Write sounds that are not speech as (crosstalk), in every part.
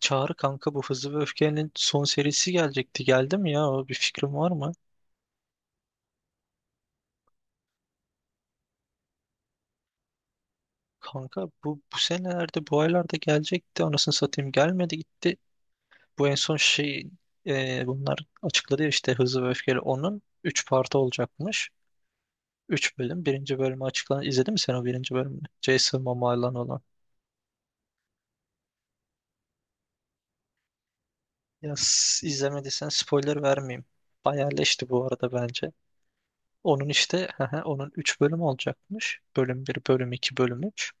Çağrı kanka bu Hızlı ve Öfke'nin son serisi gelecekti. Geldi mi ya? Bir fikrin var mı? Kanka bu senelerde bu aylarda gelecekti. Anasını satayım gelmedi gitti. Bu en son şey, bunlar açıkladı ya işte Hızlı ve Öfkeli onun 3 parti olacakmış. Üç bölüm. Birinci bölümü açıklandı. İzledin mi sen o birinci bölümünü? Jason Momoa'yla olan. İzlemediysen spoiler vermeyeyim. Bayağı leşti bu arada bence. Onun işte (laughs) onun 3 bölüm olacakmış. Bölüm bir, bölüm iki, bölüm üç.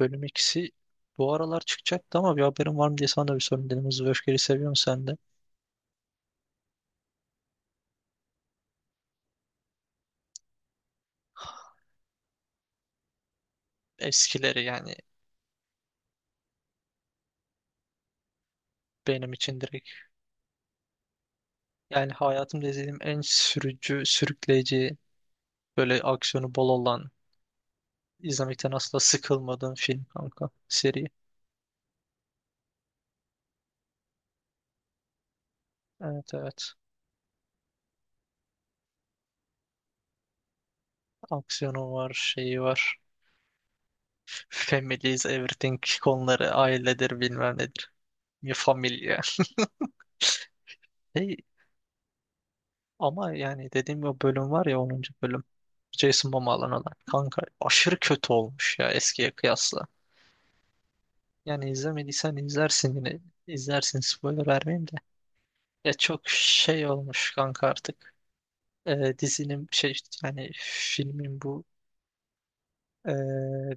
Bölüm ikisi bu aralar çıkacaktı ama bir haberim var mı diye sana da bir sorayım dedim. Hızlı ve Öfkeli seviyor musun sen de? Eskileri yani benim için direkt. Yani hayatımda izlediğim en sürücü, sürükleyici, böyle aksiyonu bol olan, izlemekten asla sıkılmadığım film kanka. Seri. Evet, evet. Aksiyonu var, şeyi var. Family is everything konuları, ailedir bilmem nedir. Mi familia. Hey, ama yani dediğim o bölüm var ya, onuncu bölüm. Jason Momoa'nın olan. Kanka aşırı kötü olmuş ya eskiye kıyasla. Yani izlemediysen izlersin yine. İzlersin, spoiler vermeyeyim de. Ya çok şey olmuş kanka artık. Dizinin şey, yani filmin bu, ee,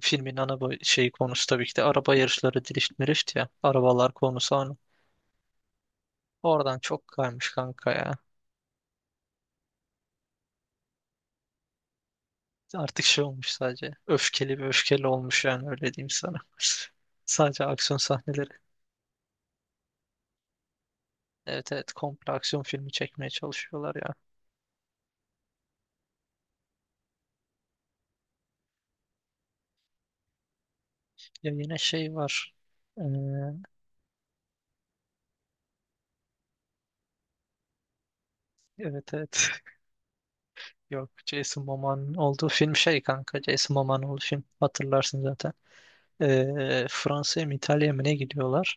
filmin ana şey konusu tabii ki de araba yarışları, drift mirift ya. Arabalar konusu onu. Oradan çok kaymış kanka ya. Artık şey olmuş sadece. Öfkeli, bir öfkeli olmuş, yani öyle diyeyim sana. (laughs) Sadece aksiyon sahneleri. Evet, evet, komple aksiyon filmi çekmeye çalışıyorlar ya. Ya yine şey var. Ee, evet, evet. (laughs) Yok, Jason Momoa'nın olduğu film şey kanka. Jason Momoa'nın olduğu film. Hatırlarsın zaten. Fransa'ya mı, İtalya'ya mı ne gidiyorlar?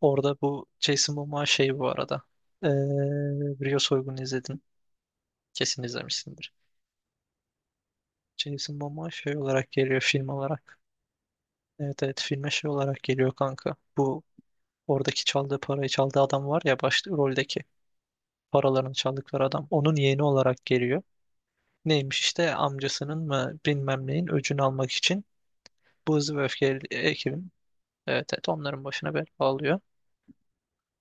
Orada bu Jason Momoa şey bu arada. Ee, Rio soygunu izledin. Kesin izlemişsindir. Jason Momoa şey olarak geliyor, film olarak. Evet, evet, filme şey olarak geliyor kanka. Bu oradaki çaldığı parayı, çaldığı adam var ya, başta roldeki paralarını çaldıkları adam. Onun yeğeni olarak geliyor. Neymiş işte amcasının mı bilmem neyin öcünü almak için bu Hızlı ve Öfkeli ekibin, evet, evet, onların başına bela alıyor.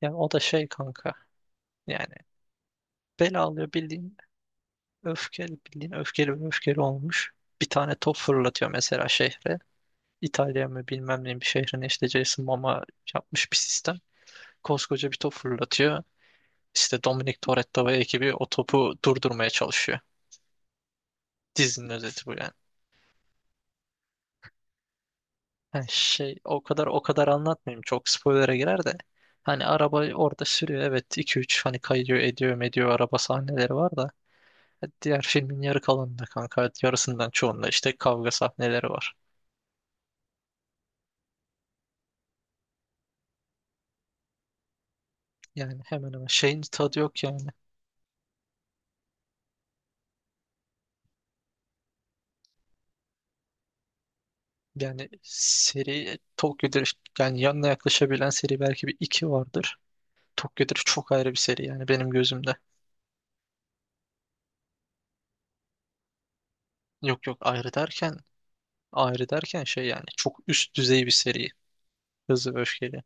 Yani o da şey kanka, yani bela alıyor bildiğin, öfkeli bildiğin, öfkeli ve öfkeli olmuş. Bir tane top fırlatıyor mesela şehre. İtalya mı bilmem neyin bir şehrin, işte Jason Momoa yapmış bir sistem, koskoca bir top fırlatıyor. İşte Dominic Toretto ve ekibi o topu durdurmaya çalışıyor. Dizinin özeti bu yani. Ha, şey, o kadar o kadar anlatmayayım. Çok spoiler'a girer de. Hani araba orada sürüyor. Evet, iki üç hani kayıyor ediyor mediyor, araba sahneleri var da. Diğer filmin yarı kalanında kanka, yarısından çoğunda işte kavga sahneleri var. Yani hemen hemen şeyin tadı yok yani. Yani seri, Tokyo Drift yani, yanına yaklaşabilen seri belki bir iki vardır. Tokyo Drift çok ayrı bir seri yani benim gözümde. Yok yok, ayrı derken, ayrı derken şey yani, çok üst düzey bir seri. Hızlı ve Öfkeli.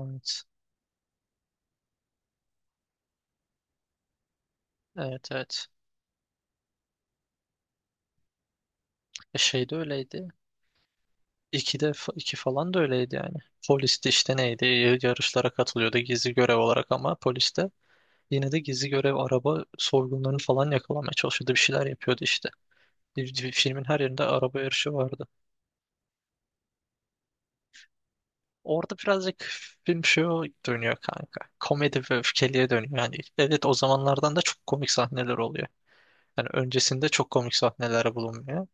Evet. Evet, evet. E şey de öyleydi. 2'de iki falan da öyleydi yani. Poliste işte neydi? Yarışlara katılıyordu gizli görev olarak ama poliste yine de gizli görev araba soygunlarını falan yakalamaya çalışıyordu. Bir şeyler yapıyordu işte. Bir- bir Filmin her yerinde araba yarışı vardı. Orada birazcık film şey dönüyor kanka. Komedi ve öfkeliye dönüyor. Yani evet, o zamanlardan da çok komik sahneler oluyor. Yani öncesinde çok komik sahneler bulunmuyor.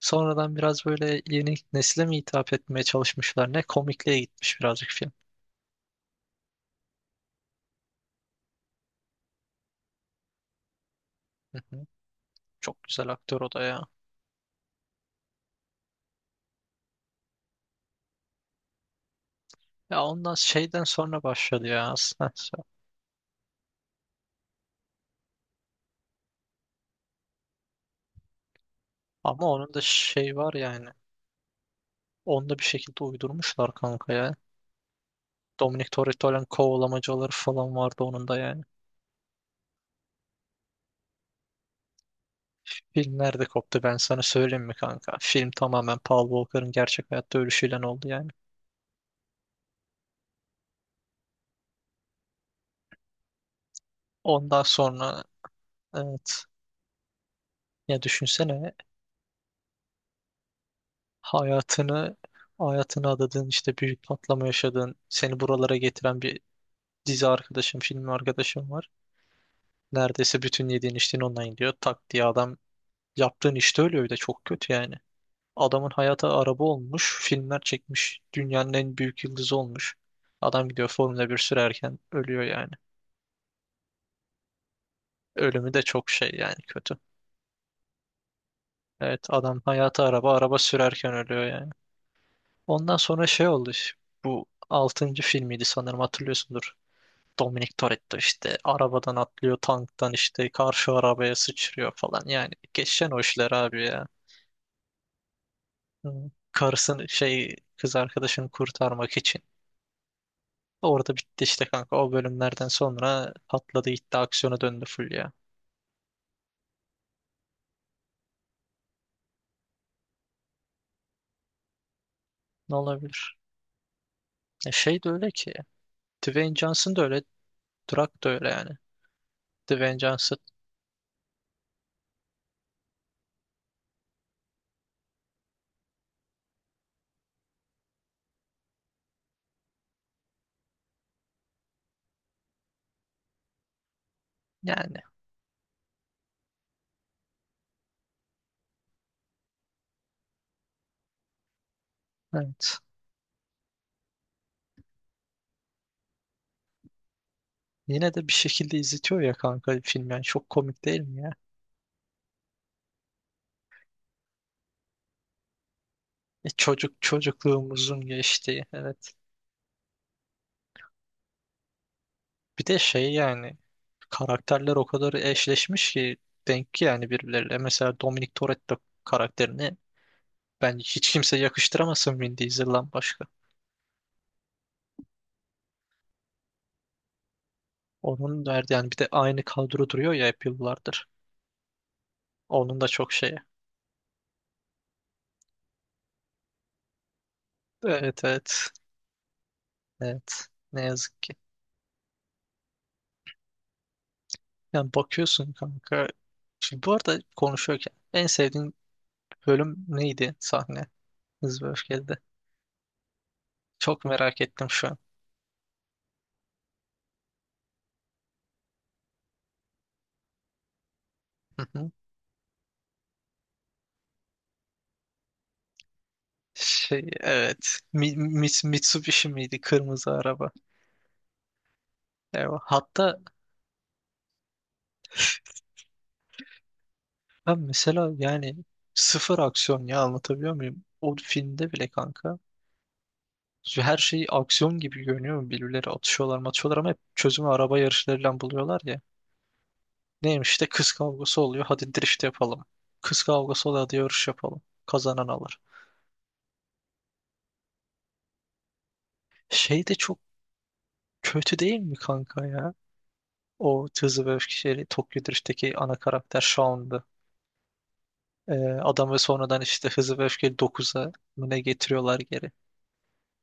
Sonradan biraz böyle yeni nesile mi hitap etmeye çalışmışlar ne? Komikliğe gitmiş birazcık film. Hı hı. Çok güzel aktör o da ya. Ya ondan şeyden sonra başladı ya aslında. Ama onun da şey var yani. Onu da bir şekilde uydurmuşlar kanka ya. Dominic Toretto'nun kovalamacaları falan vardı onun da yani. Film nerede koptu ben sana söyleyeyim mi kanka? Film tamamen Paul Walker'ın gerçek hayatta ölüşüyle oldu yani. Ondan sonra evet. Ya düşünsene, hayatını hayatını adadığın, işte büyük patlama yaşadığın, seni buralara getiren bir dizi arkadaşım, film arkadaşım var. Neredeyse bütün yediğin içtiğin ondan gidiyor. Tak diye adam, yaptığın işte ölüyor, bir de çok kötü yani. Adamın hayata araba olmuş, filmler çekmiş, dünyanın en büyük yıldızı olmuş. Adam gidiyor Formula 1 sürerken ölüyor yani. Ölümü de çok şey yani, kötü. Evet, adam hayata araba, araba sürerken ölüyor yani. Ondan sonra şey oldu. Bu altıncı filmiydi sanırım, hatırlıyorsundur. Dominic Toretto işte arabadan atlıyor, tanktan işte karşı arabaya sıçrıyor falan, yani geçen o işler abi ya. Hı. Karısını şey, kız arkadaşını kurtarmak için. Orada bitti işte kanka, o bölümlerden sonra patladı gitti, aksiyona döndü full ya. Ne olabilir? E şey de öyle ki, Dwayne Johnson da öyle, Drak da öyle yani. Dwayne Johnson yani evet. Yine de bir şekilde izletiyor ya kanka film, yani çok komik değil mi ya? E çocukluğumuzun geçtiği, evet. Bir de şey yani, karakterler o kadar eşleşmiş ki, denk ki yani birbirleriyle. Mesela Dominic Toretto karakterini ben hiç kimse yakıştıramasın Vin Diesel'dan başka. Onun derdi yani, bir de aynı kadro duruyor ya hep yıllardır. Onun da çok şeyi. Evet, evet. Evet. Ne yazık ki. Yani bakıyorsun kanka. Şimdi bu arada konuşuyorken en sevdiğin bölüm neydi, sahne Hız ve Öfke'de? Çok merak ettim şu an. Hı hı. Şey, evet. Mitsubishi miydi? Kırmızı araba. Eyvah. Hatta ben mesela yani sıfır aksiyon ya, anlatabiliyor muyum? O filmde bile kanka her şey aksiyon gibi görünüyor. Birbirleri atışıyorlar matışıyorlar ama hep çözümü araba yarışlarıyla buluyorlar ya. Neymiş işte, kız kavgası oluyor, hadi drift yapalım. Kız kavgası oluyor, hadi yarış yapalım. Kazanan alır. Şey de çok kötü değil mi kanka ya? O Hızlı ve Öfkeli Tokyo Drift'teki ana karakter Shaun'du. Ee, adamı sonradan işte Hızlı ve Öfkeli 9'a mı ne getiriyorlar geri.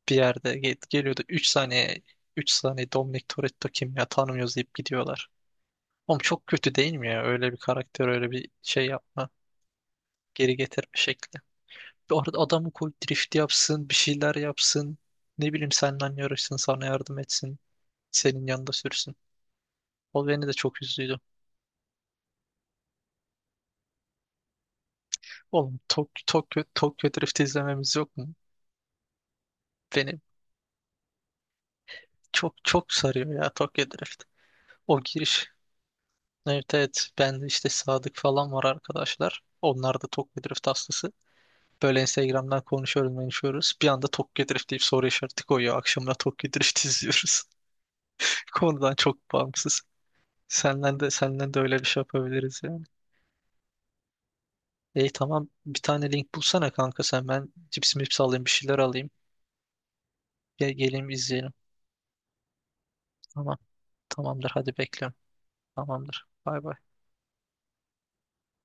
Bir yerde geliyordu, 3 saniye, 3 saniye Dominic Toretto kim ya, tanımıyoruz deyip gidiyorlar. Oğlum çok kötü değil mi ya? Öyle bir karakter öyle bir şey yapma. Geri getirme şekli. Bu arada adamı koy, drift yapsın, bir şeyler yapsın. Ne bileyim seninle yarışsın, sana yardım etsin. Senin yanında sürsün. O beni de çok üzdüydü. Oğlum Tokyo Drift izlememiz yok mu? Beni çok çok sarıyor ya Tokyo Drift. O giriş. Evet, evet, ben de işte Sadık falan var arkadaşlar. Onlar da Tokyo Drift hastası. Böyle Instagram'dan konuşuyoruz konuşuyoruz. Bir anda Tokyo Drift deyip soru işareti koyuyor. Akşamına Tokyo Drift izliyoruz. (laughs) Konudan çok bağımsız. Senden de öyle bir şey yapabiliriz yani. E tamam, bir tane link bulsana kanka, sen ben cips mips alayım, bir şeyler alayım. Gel geleyim izleyelim. Tamam tamamdır, hadi bekliyorum. Tamamdır. Bay bay.